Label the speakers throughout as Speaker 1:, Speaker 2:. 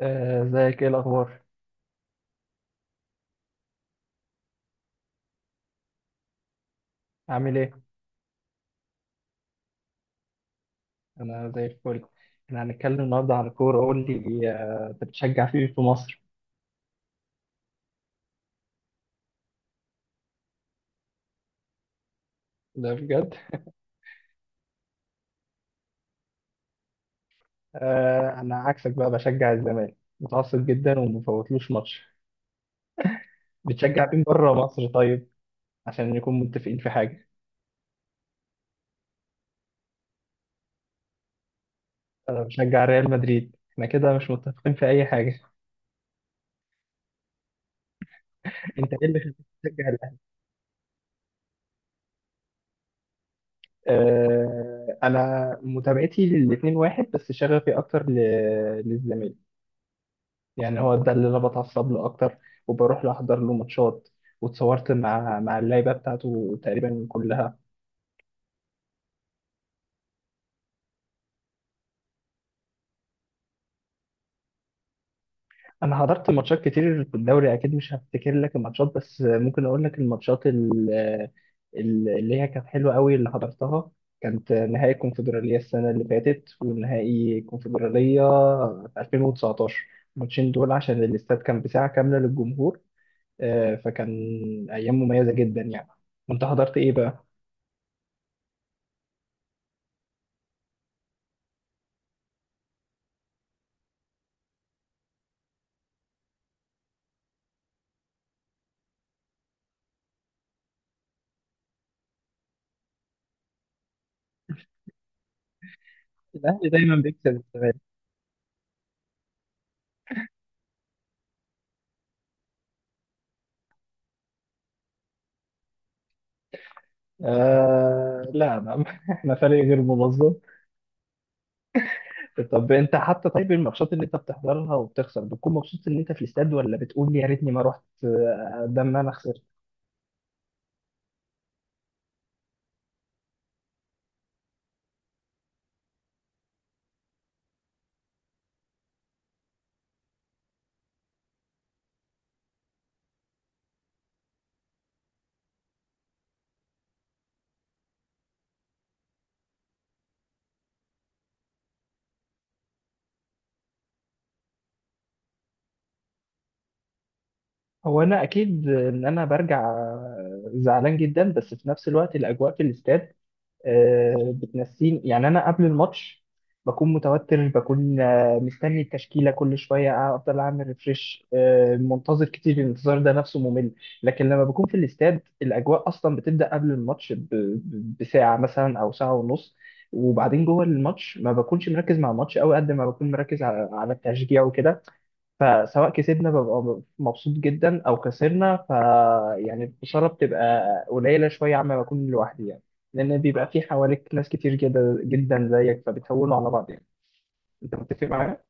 Speaker 1: ازيك؟ ايه الاخبار؟ عامل ايه؟ انا زي الفل. احنا هنتكلم النهارده عن الكوره، قول لي، انت بتشجع فيه في مصر؟ ده بجد؟ انا عكسك بقى، بشجع الزمالك متعصب جدا وما بفوتلوش ماتش. بتشجع مين بره مصر طيب؟ عشان نكون متفقين في حاجه. انا بشجع ريال مدريد، احنا كده مش متفقين في اي حاجه. انت ايه اللي خلاك تشجع الاهلي؟ انا متابعتي للاتنين واحد، بس شغفي اكتر للزمالك. يعني هو ده اللي انا بتعصب له اكتر، وبروح له احضر له ماتشات، واتصورت مع اللعيبه بتاعته تقريبا كلها. انا حضرت ماتشات كتير في الدوري، اكيد مش هفتكر لك الماتشات، بس ممكن اقول لك الماتشات اللي هي كانت حلوه قوي اللي حضرتها. كانت نهائي الكونفدراليه السنه اللي فاتت، ونهائي الكونفدراليه في 2019. الماتشين دول عشان الاستاد كان بساعه كامله للجمهور، فكان ايام مميزه جدا يعني. وانت حضرت ايه بقى؟ الاهلي دايما بيكسب. آه لا، ما احنا فريق غير منظم. طب انت حتى، طيب الماتشات اللي انت بتحضرها وبتخسر، بتكون مبسوط ان انت في الاستاد، ولا بتقول يا ريتني ما رحت، ده ان انا خسرت؟ هو انا اكيد ان انا برجع زعلان جدا، بس في نفس الوقت الاجواء في الاستاد بتنسيني، يعني انا قبل الماتش بكون متوتر، بكون مستني التشكيله كل شويه، افضل اعمل ريفريش، منتظر كتير، الانتظار ده نفسه ممل. لكن لما بكون في الاستاد الاجواء اصلا بتبدا قبل الماتش بساعه مثلا او ساعه ونص. وبعدين جوه الماتش ما بكونش مركز مع الماتش قوي قد ما بكون مركز على التشجيع وكده، فسواء كسبنا ببقى مبسوط جدا او خسرنا، ف يعني الخساره بتبقى قليله شويه عما بكون لوحدي يعني، لان بيبقى في حواليك ناس كتير جدا جدا زيك، فبتهونوا على بعض يعني. انت متفق معايا؟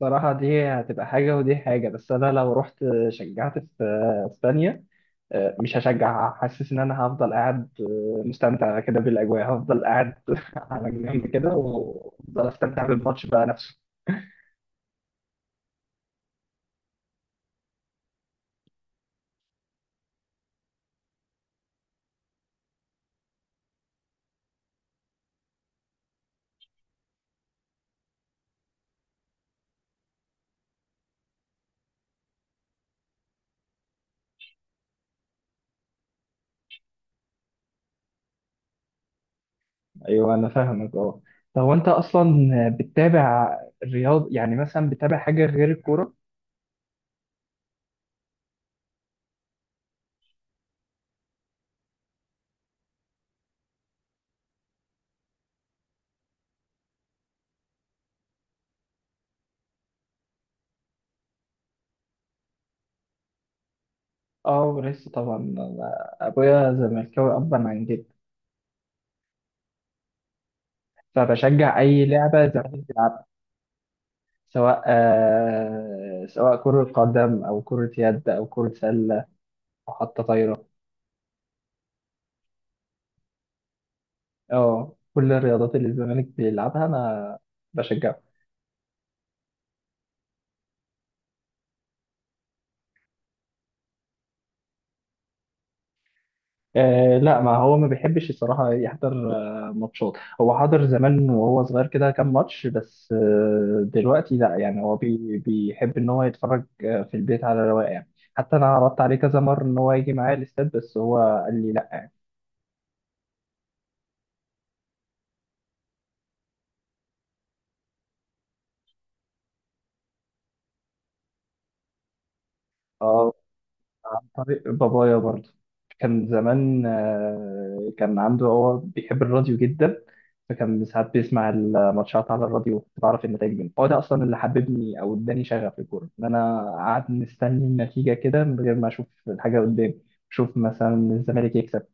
Speaker 1: صراحة دي هتبقى حاجة، ودي حاجة، بس أنا لو رحت شجعت في اسبانيا مش هشجع، حاسس إن أنا هفضل قاعد مستمتع كده بالأجواء، هفضل قاعد على جنب كده وأفضل أستمتع بالماتش بقى نفسه. ايوه انا فاهمك، اه. طب وانت اصلا بتتابع الرياض يعني، مثلا بتتابع حاجه غير الكوره؟ اه لسه طبعا. أنا ابويا زملكاوي ابا عن جد، فبشجع اي لعبه زمالك بيلعبها، سواء آه سواء كره قدم او كره يد او كره سله او حتى طايره. اه كل الرياضات اللي الزمالك بيلعبها انا بشجعها. آه لا، ما هو ما بيحبش الصراحة يحضر آه ماتشات. هو حضر زمان وهو صغير كده كام ماتش بس. آه دلوقتي لا، يعني هو بيحب ان هو يتفرج في البيت على رواقه يعني. حتى انا عرضت عليه كذا مرة ان هو يجي معايا الاستاد، بس هو قال لي لا. عن طريق بابايا برضه، كان زمان، كان عنده، هو بيحب الراديو جدا، فكان ساعات بيسمع الماتشات على الراديو، بعرف النتائج منه. هو ده اصلا اللي حببني او اداني شغف الكوره، ان انا قعدت مستني النتيجه كده من غير ما اشوف الحاجه قدامي، اشوف مثلا الزمالك يكسب.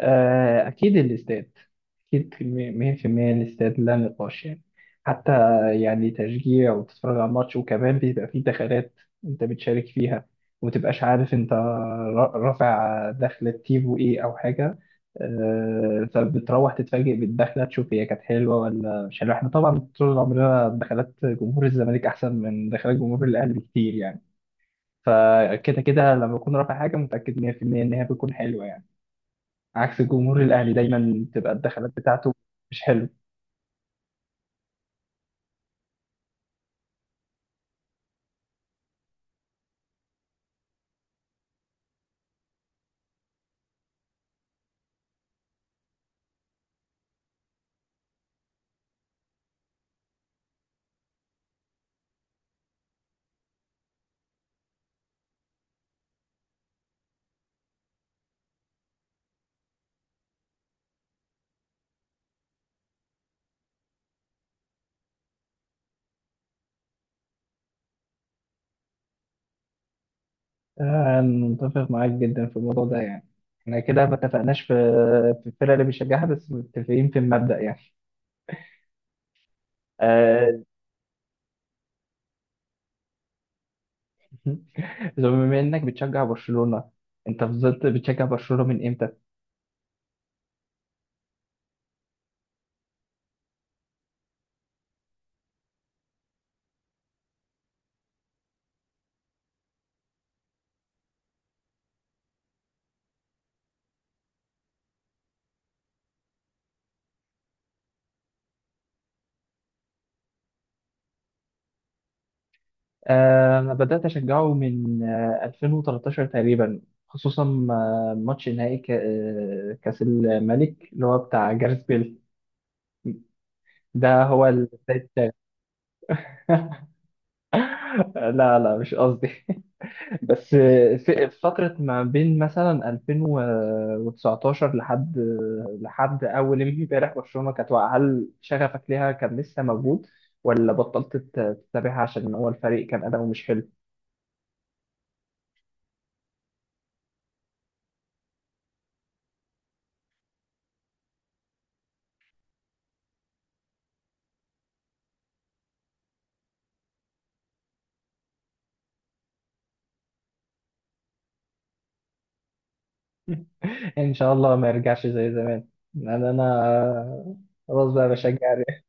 Speaker 1: أكيد الاستاد، أكيد مية في المية الاستاد، لا نقاش يعني. حتى يعني تشجيع وتتفرج على الماتش، وكمان بيبقى فيه دخلات أنت بتشارك فيها، ومتبقاش عارف أنت رافع دخلة تيفو إيه أو حاجة. فبتروح تتفاجئ بالدخلة، تشوف هي كانت حلوة ولا مش حلوة. إحنا طبعا طول عمرنا دخلات جمهور الزمالك أحسن من دخلات جمهور الأهلي بكتير يعني، فكده كده لما أكون رافع حاجة متأكد مية في المية إن هي بتكون حلوة يعني. عكس الجمهور الأهلي، دايما بتبقى الدخلات بتاعته مش حلو. متفق معاك جدا في الموضوع ده يعني. احنا كده ما اتفقناش في الفرقة اللي بيشجعها، بس متفقين في المبدأ يعني. آه، بما انك بتشجع برشلونة، انت فضلت بتشجع برشلونة من امتى؟ انا بدأت اشجعه من 2013 تقريبا. خصوصا ماتش نهائي كأس الملك اللي هو بتاع جاريث بيل. ده هو البداية التاني. لا لا مش قصدي. بس في فترة ما بين مثلا 2019 لحد أول امبارح برشلونة كانت واقعة. هل شغفك ليها كان لسه موجود، ولا بطلت تتابعها عشان هو الفريق كان أداؤه مش حلو؟ إن شاء الله ما يرجعش زي زمان. أنا خلاص بقى بشجع الريال.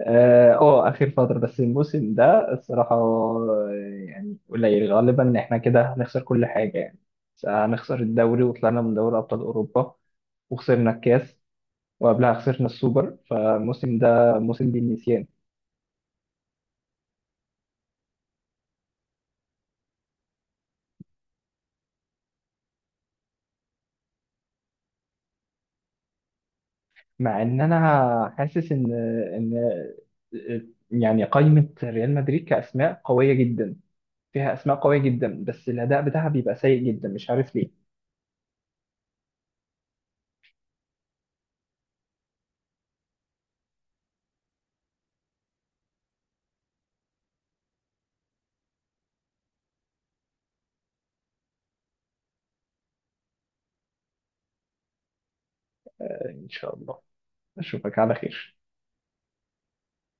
Speaker 1: اه اخر فتره. بس الموسم ده الصراحه، يعني قليل غالبا ان احنا كده هنخسر كل حاجه يعني، هنخسر الدوري وطلعنا من دوري ابطال اوروبا، وخسرنا الكاس، وقبلها خسرنا السوبر، فالموسم ده موسم للنسيان. مع ان انا حاسس ان يعني قائمة ريال مدريد كأسماء قوية جدا، فيها أسماء قوية جدا، بس الأداء بتاعها بيبقى سيء جدا، مش عارف ليه. إن شاء الله أشوفك على خير.